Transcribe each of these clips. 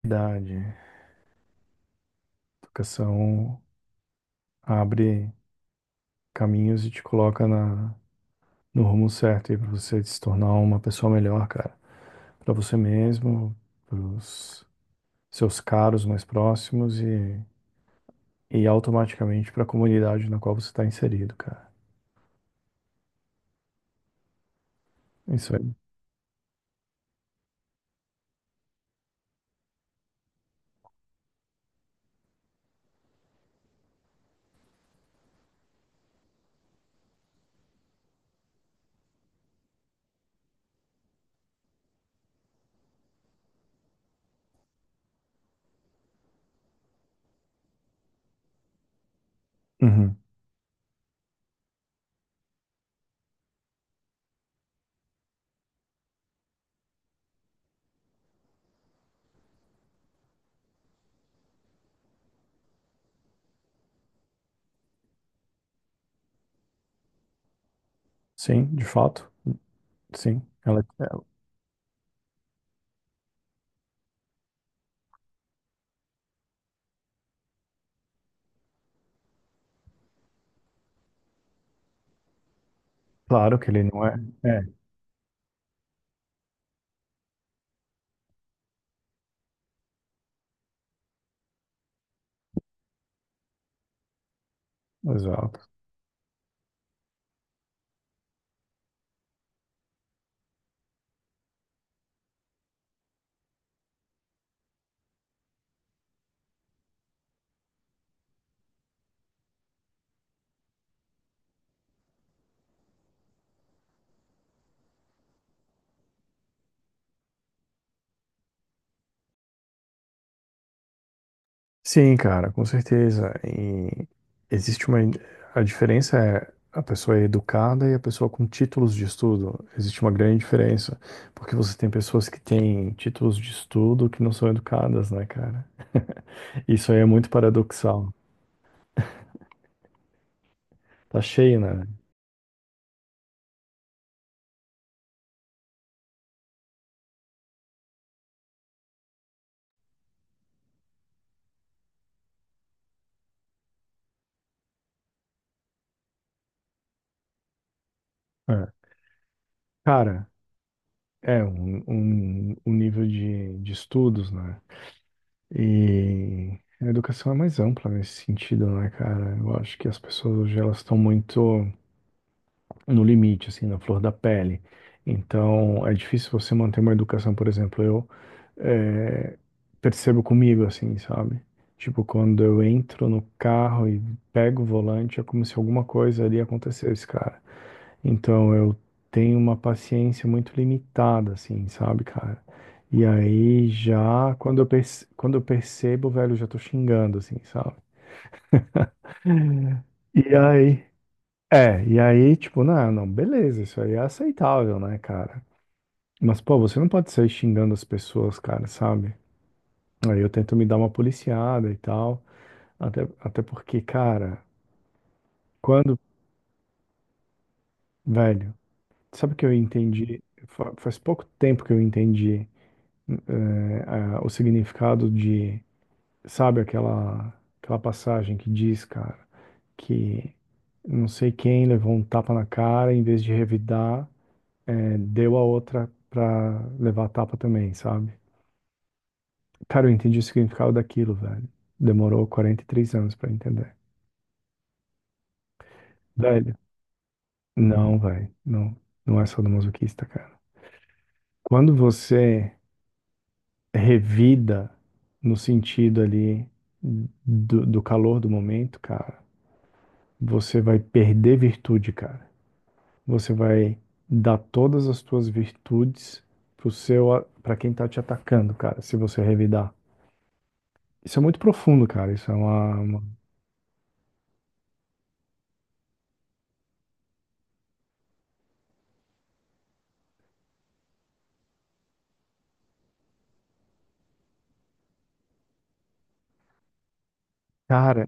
Qualidade. Educação abre caminhos e te coloca no rumo certo aí para você se tornar uma pessoa melhor, cara. Para você mesmo, para os seus caros mais próximos e automaticamente para a comunidade na qual você está inserido, cara. Isso aí. Uhum. Sim, de fato, sim. Ela, é, claro que ele não é. É, exato. Sim, cara, com certeza. E existe uma. A diferença é a pessoa é educada e a pessoa com títulos de estudo. Existe uma grande diferença, porque você tem pessoas que têm títulos de estudo que não são educadas, né, cara? Isso aí é muito paradoxal. Tá cheio, né? É. Cara, é um nível de estudos, né? E a educação é mais ampla nesse sentido, né, cara? Eu acho que as pessoas hoje elas estão muito no limite, assim, na flor da pele. Então, é difícil você manter uma educação, por exemplo, eu eh, percebo comigo, assim, sabe? Tipo, quando eu entro no carro e pego o volante, é como se alguma coisa ali acontecesse, cara. Então, eu tenho uma paciência muito limitada, assim, sabe, cara? E aí, já, quando eu percebo, velho, eu já tô xingando, assim, sabe? E aí? É, e aí, tipo, não, não, beleza, isso aí é aceitável, né, cara? Mas, pô, você não pode sair xingando as pessoas, cara, sabe? Aí eu tento me dar uma policiada e tal. Até porque, cara, quando, velho, sabe o que eu entendi? Faz pouco tempo que eu entendi o significado de, sabe, aquela passagem que diz, cara, que não sei quem levou um tapa na cara, em vez de revidar, deu a outra pra levar a tapa também, sabe? Cara, eu entendi o significado daquilo, velho. Demorou 43 anos pra entender. Velho, não, velho. Não, não é sadomasoquista, cara. Quando você revida no sentido ali do calor do momento, cara, você vai perder virtude, cara. Você vai dar todas as tuas virtudes pro seu, para quem tá te atacando, cara, se você revidar. Isso é muito profundo, cara. Isso é uma. Cara,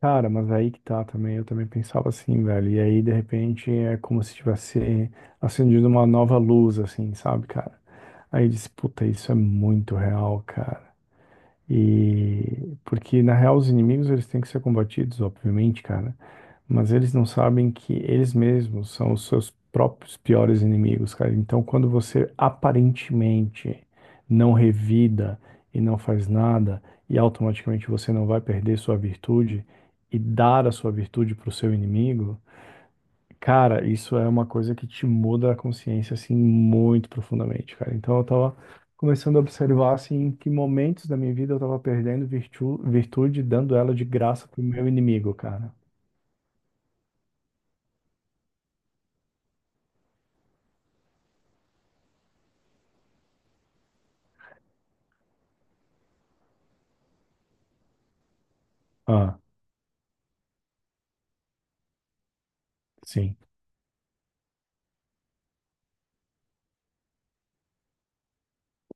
Cara, mas aí que tá também, eu também pensava assim, velho. E aí, de repente, é como se tivesse acendido uma nova luz, assim, sabe, cara? Aí eu disse, puta, isso é muito real, cara. E porque, na real, os inimigos, eles têm que ser combatidos, obviamente, cara. Mas eles não sabem que eles mesmos são os seus próprios piores inimigos, cara. Então, quando você aparentemente não revida e não faz nada, e automaticamente você não vai perder sua virtude e dar a sua virtude para o seu inimigo, cara, isso é uma coisa que te muda a consciência assim muito profundamente, cara. Então, eu tava começando a observar assim em que momentos da minha vida eu tava perdendo virtu- virtude, dando ela de graça pro meu inimigo, cara. Ah, sim.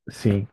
Sim.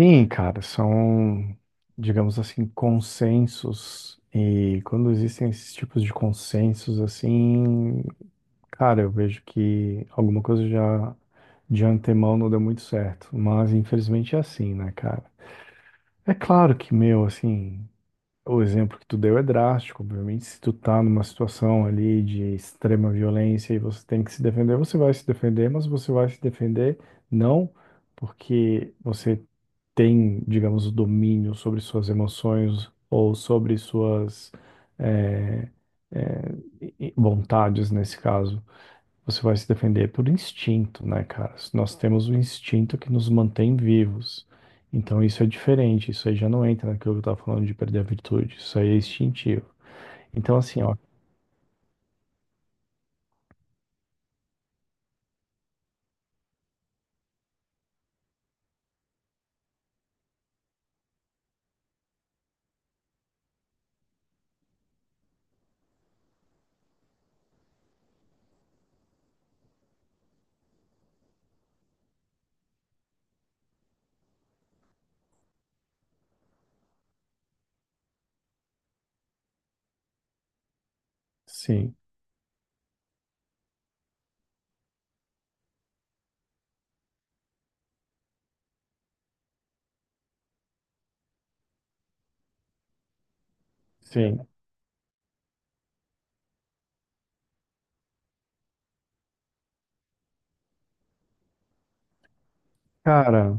Sim, cara, são, digamos assim, consensos. E quando existem esses tipos de consensos, assim, cara, eu vejo que alguma coisa já de antemão não deu muito certo. Mas infelizmente é assim, né, cara? É claro que, meu, assim, o exemplo que tu deu é drástico. Obviamente, se tu tá numa situação ali de extrema violência e você tem que se defender, você vai se defender, mas você vai se defender não porque você tem, digamos, o domínio sobre suas emoções ou sobre suas eh, eh, e vontades, nesse caso, você vai se defender por instinto, né, cara? Nós temos o instinto que nos mantém vivos. Então isso é diferente, isso aí já não entra naquilo que eu estava falando de perder a virtude, isso aí é instintivo. Então assim, ó, sim, sim. Cara,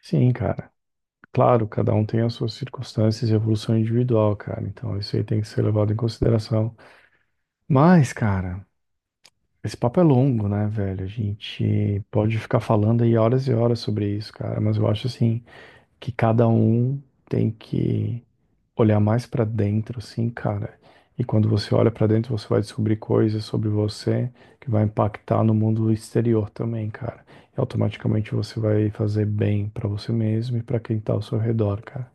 sim, cara. Claro, cada um tem as suas circunstâncias e evolução individual, cara. Então isso aí tem que ser levado em consideração. Mas, cara, esse papo é longo, né, velho? A gente pode ficar falando aí horas e horas sobre isso, cara, mas eu acho assim que cada um tem que olhar mais pra dentro, assim, cara. E quando você olha pra dentro, você vai descobrir coisas sobre você que vai impactar no mundo exterior também, cara. E automaticamente você vai fazer bem pra você mesmo e pra quem tá ao seu redor, cara.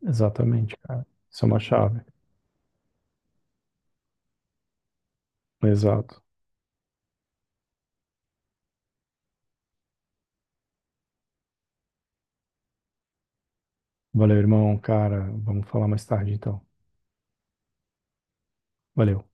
Exatamente, cara. Isso é uma chave. Exato. Valeu, irmão, cara. Vamos falar mais tarde, então. Valeu.